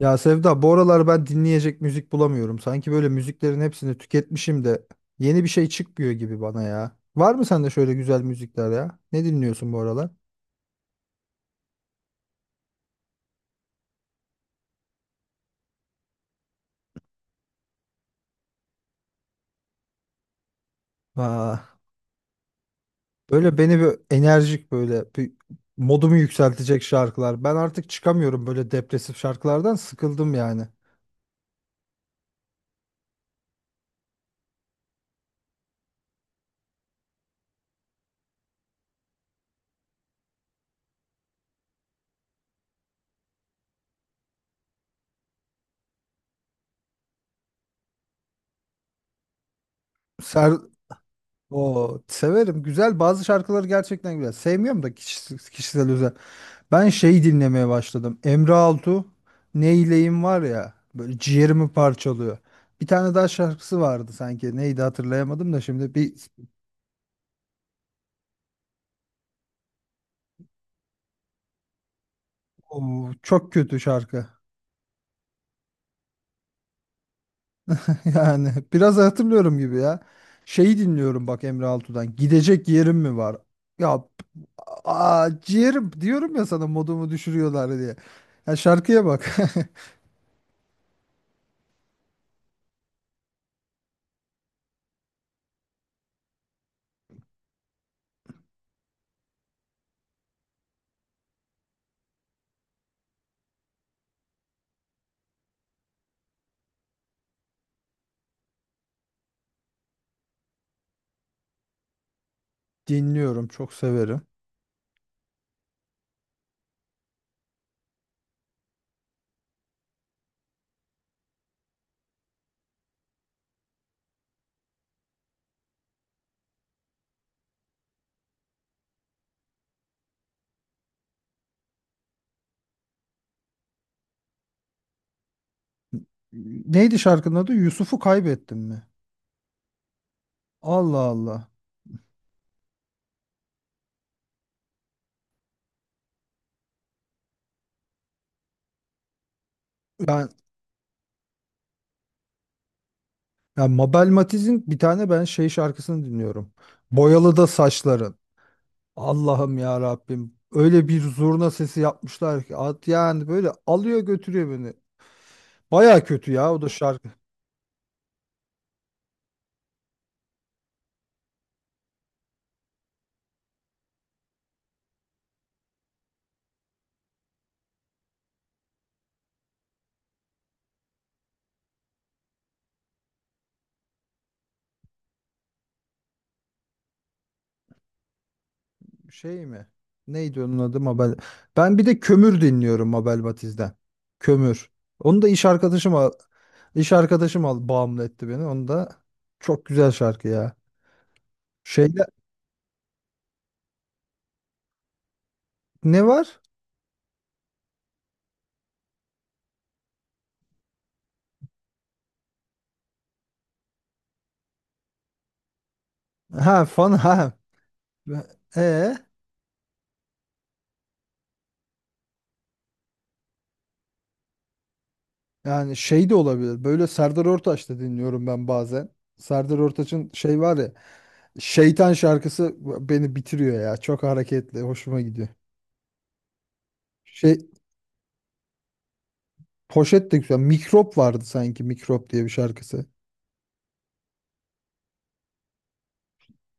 Ya Sevda, bu aralar ben dinleyecek müzik bulamıyorum. Sanki böyle müziklerin hepsini tüketmişim de yeni bir şey çıkmıyor gibi bana ya. Var mı sende şöyle güzel müzikler ya? Ne dinliyorsun bu aralar? Aa, böyle beni bir enerjik böyle bir modumu yükseltecek şarkılar. Ben artık çıkamıyorum, böyle depresif şarkılardan sıkıldım yani. Ser o severim. Güzel, bazı şarkıları gerçekten güzel. Sevmiyorum da kişisel, kişisel özel. Ben şey dinlemeye başladım. Emre Altu. Neyleyim var ya, böyle ciğerimi parçalıyor. Bir tane daha şarkısı vardı sanki. Neydi, hatırlayamadım da şimdi bir. Oo, çok kötü şarkı. Yani biraz hatırlıyorum gibi ya. Şeyi dinliyorum bak Emre Altu'dan. Gidecek yerim mi var? Ya aa, ciğerim diyorum ya sana, modumu düşürüyorlar diye. Ya şarkıya bak. Dinliyorum, çok severim. Neydi şarkının adı? Yusuf'u kaybettim mi? Allah Allah. Ben Ya Mabel Matiz'in bir tane ben şey şarkısını dinliyorum. Boyalı da saçların. Allah'ım ya Rabbim. Öyle bir zurna sesi yapmışlar ki at, yani böyle alıyor götürüyor beni. Baya kötü ya o da şarkı. Şey mi? Neydi onun adı Mabel? Ben bir de Kömür dinliyorum Mabel Matiz'den. Kömür. Onu da iş arkadaşım al, iş arkadaşım al bağımlı etti beni. Onu da çok güzel şarkı ya. Şeyde ne var? Ha, fan ha. E Yani şey de olabilir. Böyle Serdar Ortaç da dinliyorum ben bazen. Serdar Ortaç'ın şey var ya. Şeytan şarkısı beni bitiriyor ya. Çok hareketli. Hoşuma gidiyor. Şey, poşet de güzel. Mikrop vardı sanki. Mikrop diye bir şarkısı.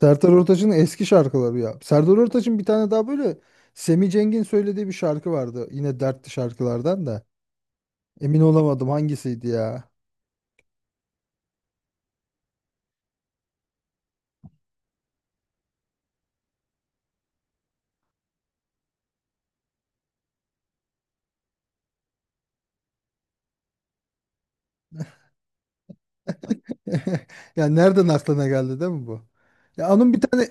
Serdar Ortaç'ın eski şarkıları ya. Serdar Ortaç'ın bir tane daha böyle Semih Cengin söylediği bir şarkı vardı. Yine dertli şarkılardan da. Emin olamadım hangisiydi ya. Ya nereden aklına geldi değil mi bu? Ya onun bir tane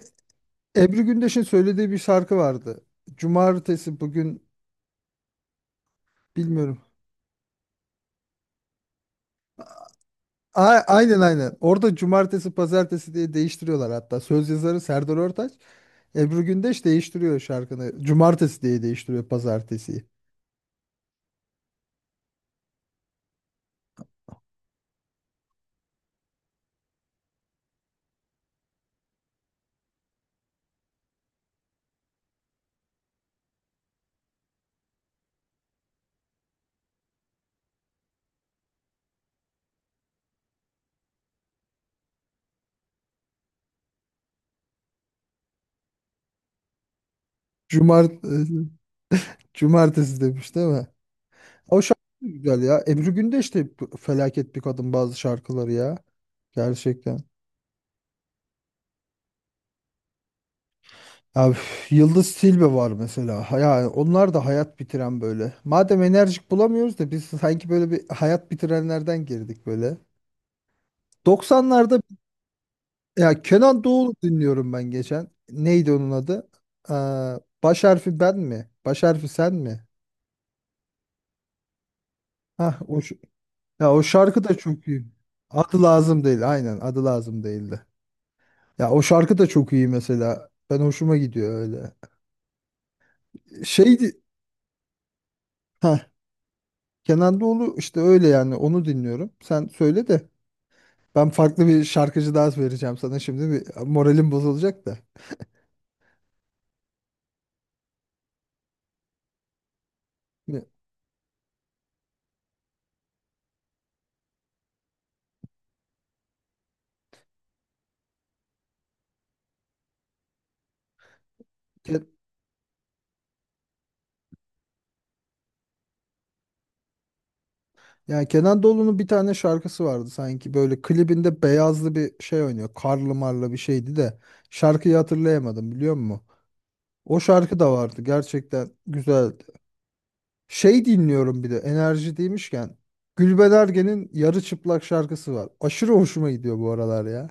Ebru Gündeş'in söylediği bir şarkı vardı. Cumartesi bugün, bilmiyorum. A, aynen aynen. Orada cumartesi pazartesi diye değiştiriyorlar hatta. Söz yazarı Serdar Ortaç. Ebru Gündeş değiştiriyor şarkını. Cumartesi diye değiştiriyor pazartesiyi. Cumar cumartesi demiş değil mi? O şarkı da güzel ya. Ebru Gündeş de felaket bir kadın, bazı şarkıları ya. Gerçekten. Ya, üf, Yıldız Tilbe var mesela. Yani onlar da hayat bitiren böyle. Madem enerjik bulamıyoruz da biz, sanki böyle bir hayat bitirenlerden girdik böyle. 90'larda ya Kenan Doğulu dinliyorum ben geçen. Neydi onun adı? Aa, baş harfi ben mi? Baş harfi sen mi? Hah, o, ya o şarkı da çok iyi. Adı lazım değil. Aynen, adı lazım değildi. Ya o şarkı da çok iyi mesela. Ben hoşuma gidiyor öyle. Şeydi. Kenan Doğulu işte öyle yani, onu dinliyorum. Sen söyle de ben farklı bir şarkıcı daha vereceğim sana, şimdi bir moralim bozulacak da. Ne- Ke- Yani Kenan Doğulu'nun bir tane şarkısı vardı sanki, böyle klibinde beyazlı bir şey oynuyor. Karlı marlı bir şeydi de şarkıyı hatırlayamadım, biliyor musun? O şarkı da vardı, gerçekten güzeldi. Şey dinliyorum bir de, enerji demişken, Gülben Ergen'in Yarı Çıplak şarkısı var. Aşırı hoşuma gidiyor bu aralar ya.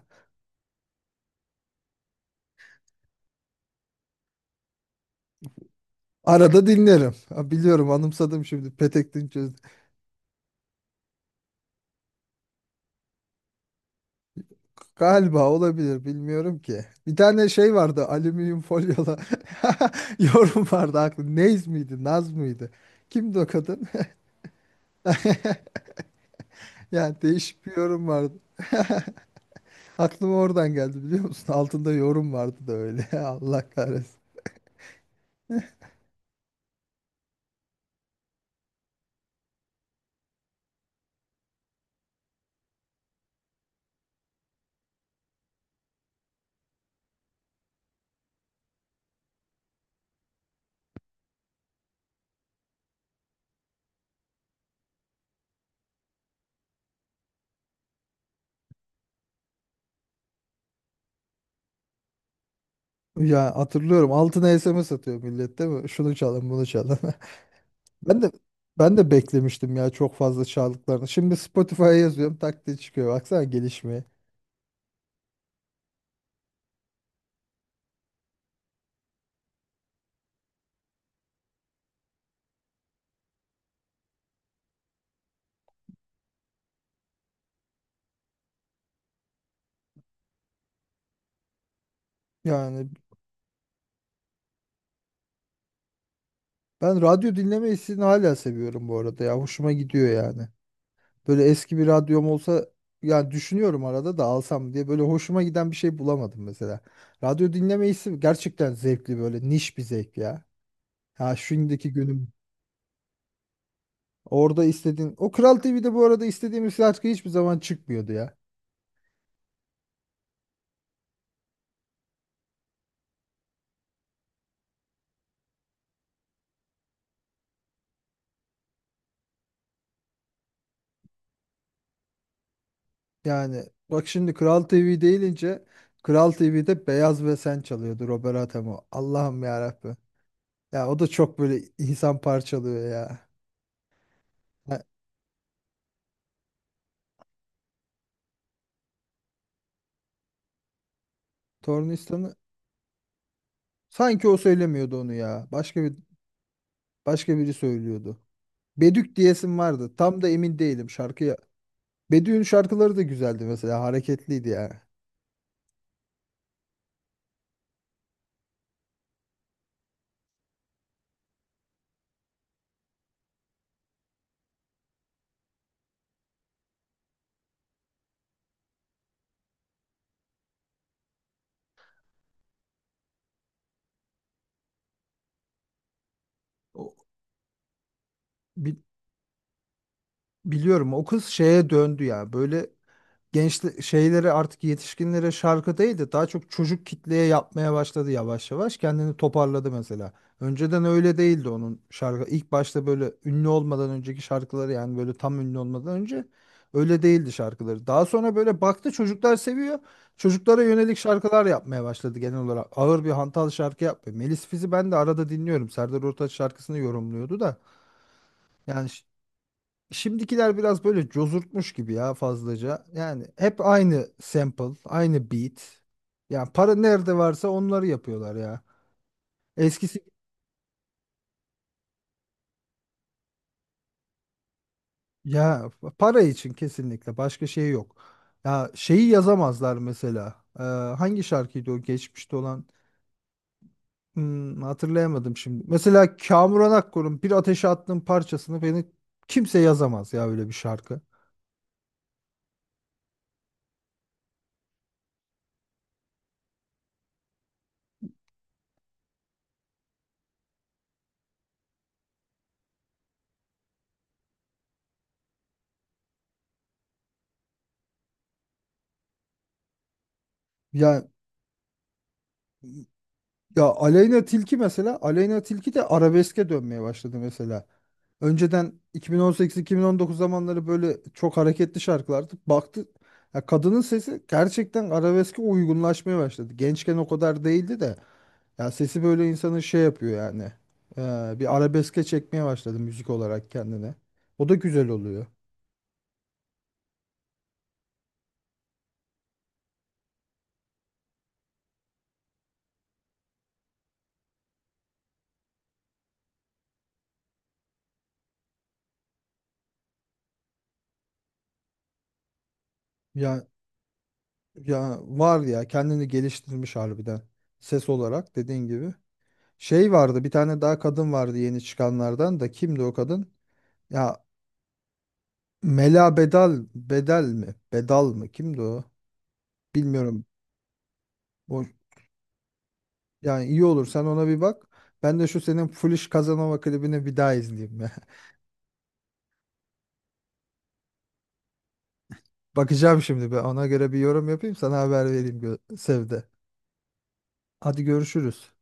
Arada dinlerim. Ha, biliyorum, anımsadım şimdi Petek Dinçöz. Galiba, olabilir, bilmiyorum ki. Bir tane şey vardı, alüminyum folyola yorum vardı aklı. Nez miydi, Naz mıydı? Kimdi o kadın? Yani değişik bir yorum vardı. Aklıma oradan geldi, biliyor musun? Altında yorum vardı da öyle. Allah kahretsin. Ya hatırlıyorum, altına SMS atıyor millet değil mi? Şunu çalın, bunu çalın. Ben de ben de beklemiştim ya çok fazla çaldıklarını. Şimdi Spotify'a yazıyorum, tak diye çıkıyor. Baksana gelişmeye. Yani ben radyo dinleme hissini hala seviyorum bu arada ya. Hoşuma gidiyor yani. Böyle eski bir radyom olsa, yani düşünüyorum arada da alsam diye, böyle hoşuma giden bir şey bulamadım mesela. Radyo dinleme hissi gerçekten zevkli, böyle niş bir zevk ya. Ha şimdiki günüm orada istediğin, o Kral TV'de bu arada istediğimiz şarkı hiçbir zaman çıkmıyordu ya. Yani bak, şimdi Kral TV deyince, Kral TV'de Beyaz ve Sen çalıyordu Robert Atamo. Allah'ım ya Rabbi. Ya o da çok böyle insan parçalıyor ya. Ha, Tornistan'ı sanki o söylemiyordu onu ya. Başka bir, başka biri söylüyordu. Bedük diyesim vardı. Tam da emin değilim şarkıya. Bedük'ün şarkıları da güzeldi mesela, hareketliydi ya. O, bi- biliyorum, o kız şeye döndü ya. Böyle genç şeyleri, artık yetişkinlere şarkı değil de daha çok çocuk kitleye yapmaya başladı yavaş yavaş. Kendini toparladı mesela. Önceden öyle değildi onun şarkı. İlk başta böyle, ünlü olmadan önceki şarkıları, yani böyle tam ünlü olmadan önce öyle değildi şarkıları. Daha sonra böyle baktı, çocuklar seviyor. Çocuklara yönelik şarkılar yapmaya başladı genel olarak. Ağır bir hantal şarkı yapmıyor. Melis Fiz'i ben de arada dinliyorum. Serdar Ortaç şarkısını yorumluyordu da. Yani şimdikiler biraz böyle cozurtmuş gibi ya fazlaca. Yani hep aynı sample, aynı beat. Yani para nerede varsa onları yapıyorlar ya. Eskisi, ya para için, kesinlikle başka şey yok. Ya şeyi yazamazlar mesela. Hangi şarkıydı o geçmişte olan? Hmm, hatırlayamadım şimdi. Mesela Kamuran Akkor'un Bir Ateşe Attığım parçasını beni kimse yazamaz ya, öyle bir şarkı. Ya ya Aleyna Tilki mesela, Aleyna Tilki de arabeske dönmeye başladı mesela. Önceden 2018-2019 zamanları böyle çok hareketli şarkılardı. Baktı, ya kadının sesi gerçekten arabeske uygunlaşmaya başladı. Gençken o kadar değildi de ya sesi böyle insanı şey yapıyor yani. Bir arabeske çekmeye başladı müzik olarak kendine. O da güzel oluyor. Ya ya var ya, kendini geliştirmiş harbiden. Ses olarak dediğin gibi. Şey vardı, bir tane daha kadın vardı yeni çıkanlardan, da kimdi o kadın? Ya Mela Bedal, Bedel mi? Bedal mı? Kimdi o? Bilmiyorum. O, yani iyi olur, sen ona bir bak. Ben de şu senin Foolish Kazanova klibini bir daha izleyeyim ya. Bakacağım şimdi, ben ona göre bir yorum yapayım, sana haber vereyim Sevde. Hadi görüşürüz.